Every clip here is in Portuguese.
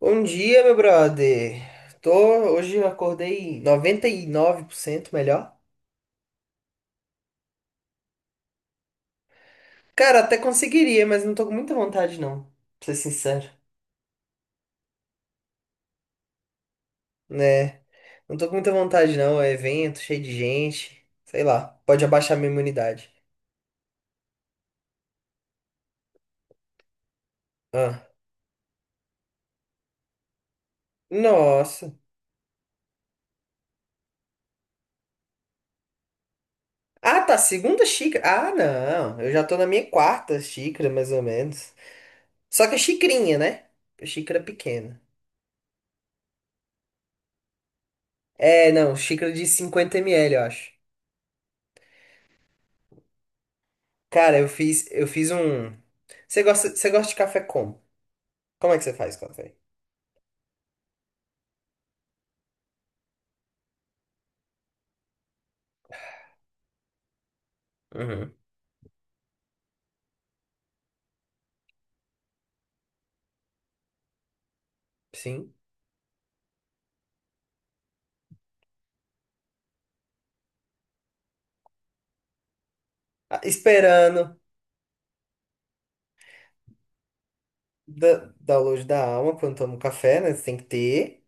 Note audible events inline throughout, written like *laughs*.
Bom dia, meu brother. Tô. Hoje eu acordei 99% melhor. Cara, até conseguiria, mas não tô com muita vontade, não. Pra ser sincero, né? Não tô com muita vontade, não. É evento, cheio de gente. Sei lá, pode abaixar minha imunidade. Ah. Nossa. Ah, tá, segunda xícara. Ah, não. Eu já tô na minha quarta xícara, mais ou menos. Só que é xicrinha, né? Xícara pequena. É, não, xícara de 50 ml, eu acho. Cara, eu fiz um. Você gosta de café como? Como é que você faz café? Uhum. Sim. Ah, esperando download da alma quando toma um café, né? Você tem que ter.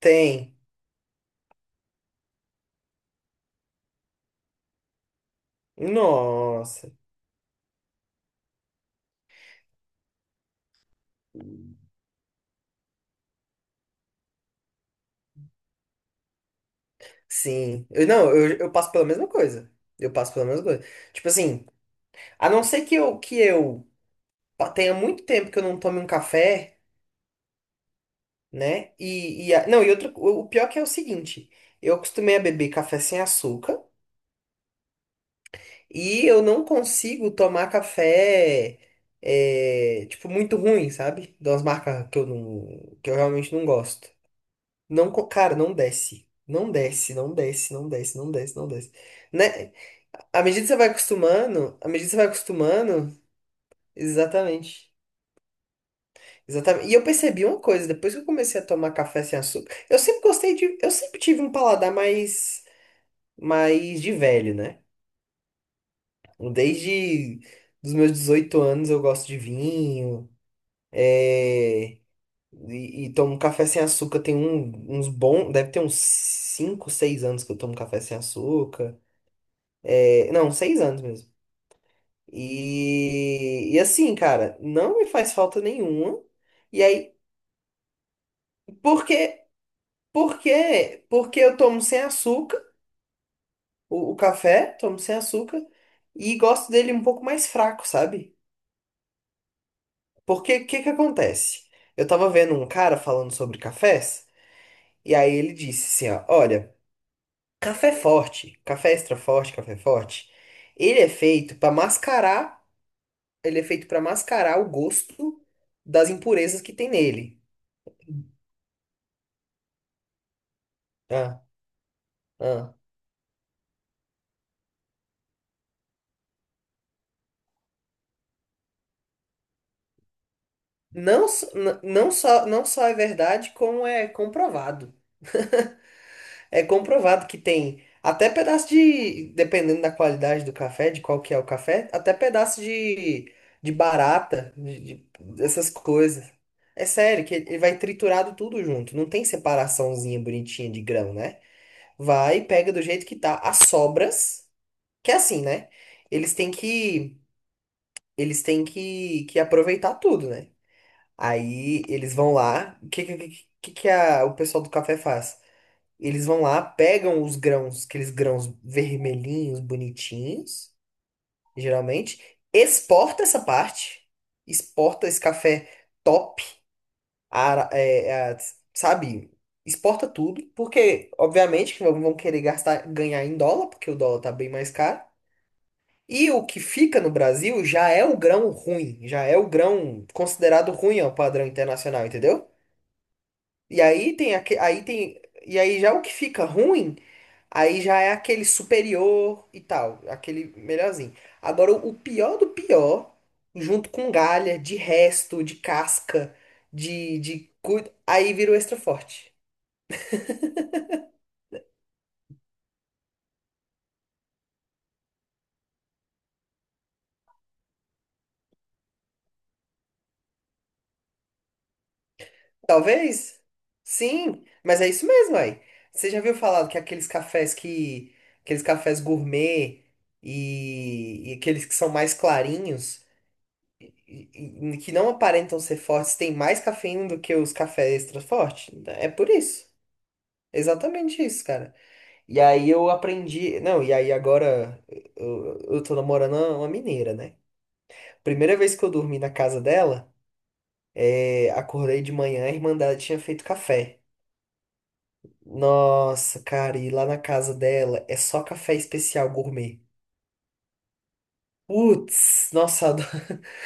Tem. Nossa. Sim. Eu, não, eu passo pela mesma coisa. Eu passo pela mesma coisa. Tipo assim, a não ser que tenha muito tempo que eu não tome um café. Né? E não, e outro, o pior que é o seguinte, eu acostumei a beber café sem açúcar e eu não consigo tomar café, é, tipo muito ruim, sabe? De umas marcas que eu não, que eu realmente não gosto. Não, cara, não desce. Não desce, não desce, não desce, não desce, não desce. Né? À medida que você vai acostumando, à medida que você vai acostumando, exatamente. Exatamente. E eu percebi uma coisa, depois que eu comecei a tomar café sem açúcar, eu sempre tive um paladar mais mas de velho, né? Desde os meus 18 anos eu gosto de vinho, é, e tomo um café sem açúcar. Tem uns bons, deve ter uns 5, 6 anos que eu tomo café sem açúcar. É, não, 6 anos mesmo. E assim, cara, não me faz falta nenhuma. E aí, por quê? Por quê? Porque eu tomo sem açúcar, o café, tomo sem açúcar, e gosto dele um pouco mais fraco, sabe? Porque o que que acontece? Eu tava vendo um cara falando sobre cafés, e aí ele disse assim, ó, olha, café forte, café extra forte, café forte, ele é feito para mascarar, ele é feito para mascarar o gosto das impurezas que tem nele. Ah, ah. Não, não só é verdade, como é comprovado. É comprovado que tem até pedaço de, dependendo da qualidade do café, de qual que é o café, até pedaço de barata, essas coisas. É sério, que ele vai triturado tudo junto. Não tem separaçãozinha bonitinha de grão, né? Vai, pega do jeito que tá. As sobras, que é assim, né? Eles têm que, eles têm que aproveitar tudo, né? Aí eles vão lá. O que o pessoal do café faz? Eles vão lá, pegam os grãos, aqueles grãos vermelhinhos, bonitinhos, geralmente, exporta essa parte, exporta esse café top, ara- é, é, sabe? Exporta tudo, porque, obviamente, que vão querer gastar, ganhar em dólar, porque o dólar tá bem mais caro. E o que fica no Brasil já é o grão ruim, já é o grão considerado ruim ao padrão internacional, entendeu? E aí tem aque aí tem e aí já o que fica ruim. Aí já é aquele superior e tal, aquele melhorzinho. Agora, o pior do pior, junto com galha, de resto, de casca. Aí vira o extra forte. Talvez? Sim, mas é isso mesmo aí. Você já viu falar que aqueles cafés que. Aqueles cafés gourmet e aqueles que são mais clarinhos, e- que não aparentam ser fortes, têm mais cafeína do que os cafés extra fortes? É por isso. Exatamente isso, cara. E aí eu aprendi. Não, e aí agora eu tô namorando uma mineira, né? Primeira vez que eu dormi na casa dela, acordei de manhã, a irmã dela tinha feito café. Nossa, cara, e lá na casa dela é só café especial gourmet. Putz, nossa, eu adoro.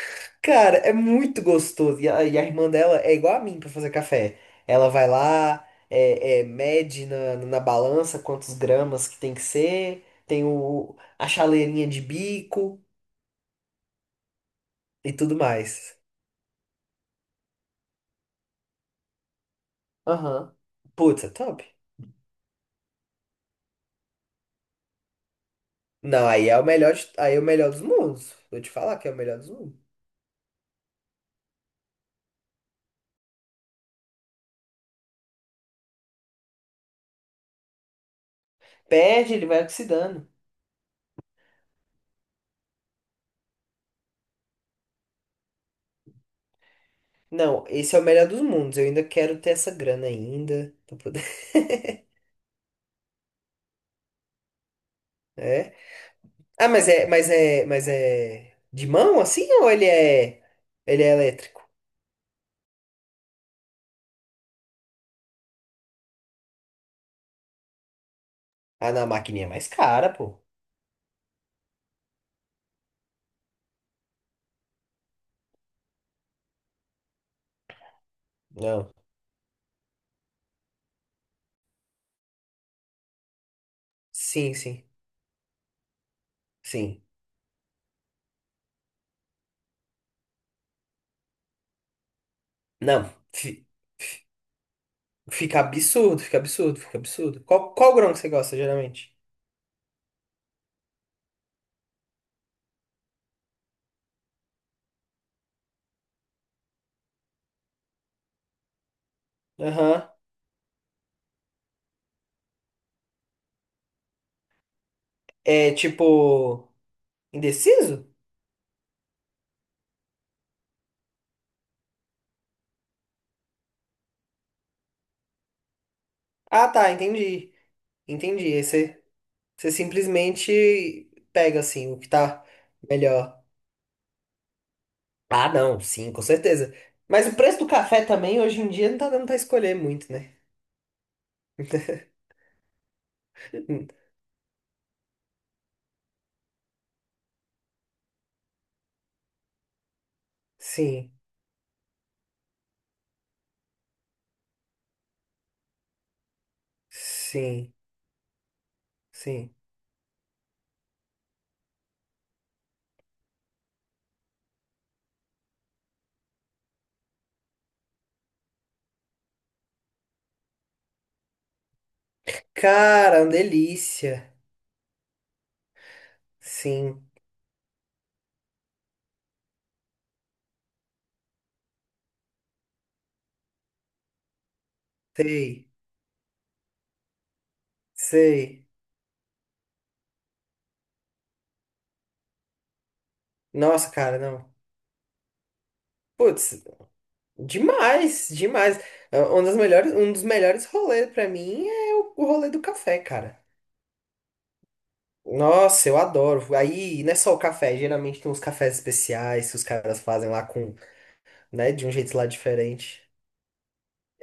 *laughs* Cara, é muito gostoso. E a irmã dela é igual a mim pra fazer café. Ela vai lá, mede na balança quantos gramas que tem que ser, tem a chaleirinha de bico. E tudo mais. Aham. Putz, é top. Não, aí é o melhor, aí é o melhor dos mundos. Vou te falar que é o melhor dos mundos. Perde, ele vai oxidando. Não, esse é o melhor dos mundos. Eu ainda quero ter essa grana ainda pra poder. *laughs* É. Ah, mas é de mão assim ou ele é elétrico? Ah, não, a maquininha é mais cara, pô. Não. Sim, sim. Sim. Não, fica absurdo, fica absurdo, fica absurdo. Qual grão que você gosta geralmente? Aham. É tipo, indeciso? Ah, tá, entendi. Entendi. Aí você simplesmente pega assim o que tá melhor. Ah, não, sim, com certeza. Mas o preço do café também hoje em dia não tá dando pra escolher muito, né? Sim, sim, sim. Cara, uma delícia. Sim, sei, sei. Nossa, cara, não. Putz, demais, demais. É, um dos melhores rolês pra mim é o rolê do café, cara. Nossa, eu adoro. Aí não é só o café, geralmente tem uns cafés especiais que os caras fazem lá com, né, de um jeito lá diferente.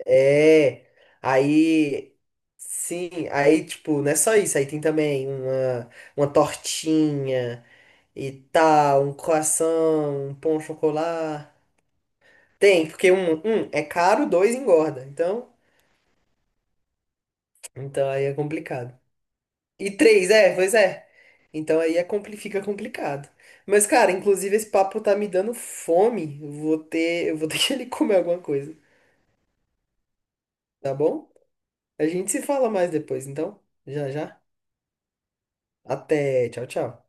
É. Aí sim, aí tipo, não é só isso, aí tem também uma tortinha e tal, um croissant, um pão chocolat. Tem, porque um é caro, dois engorda. então, aí é complicado. E três, é, pois é. Então aí é fica complicado. Mas, cara, inclusive esse papo tá me dando fome. Eu vou ter *laughs* que ali comer alguma coisa, tá bom? A gente se fala mais depois, então. Já, já. Até, tchau, tchau.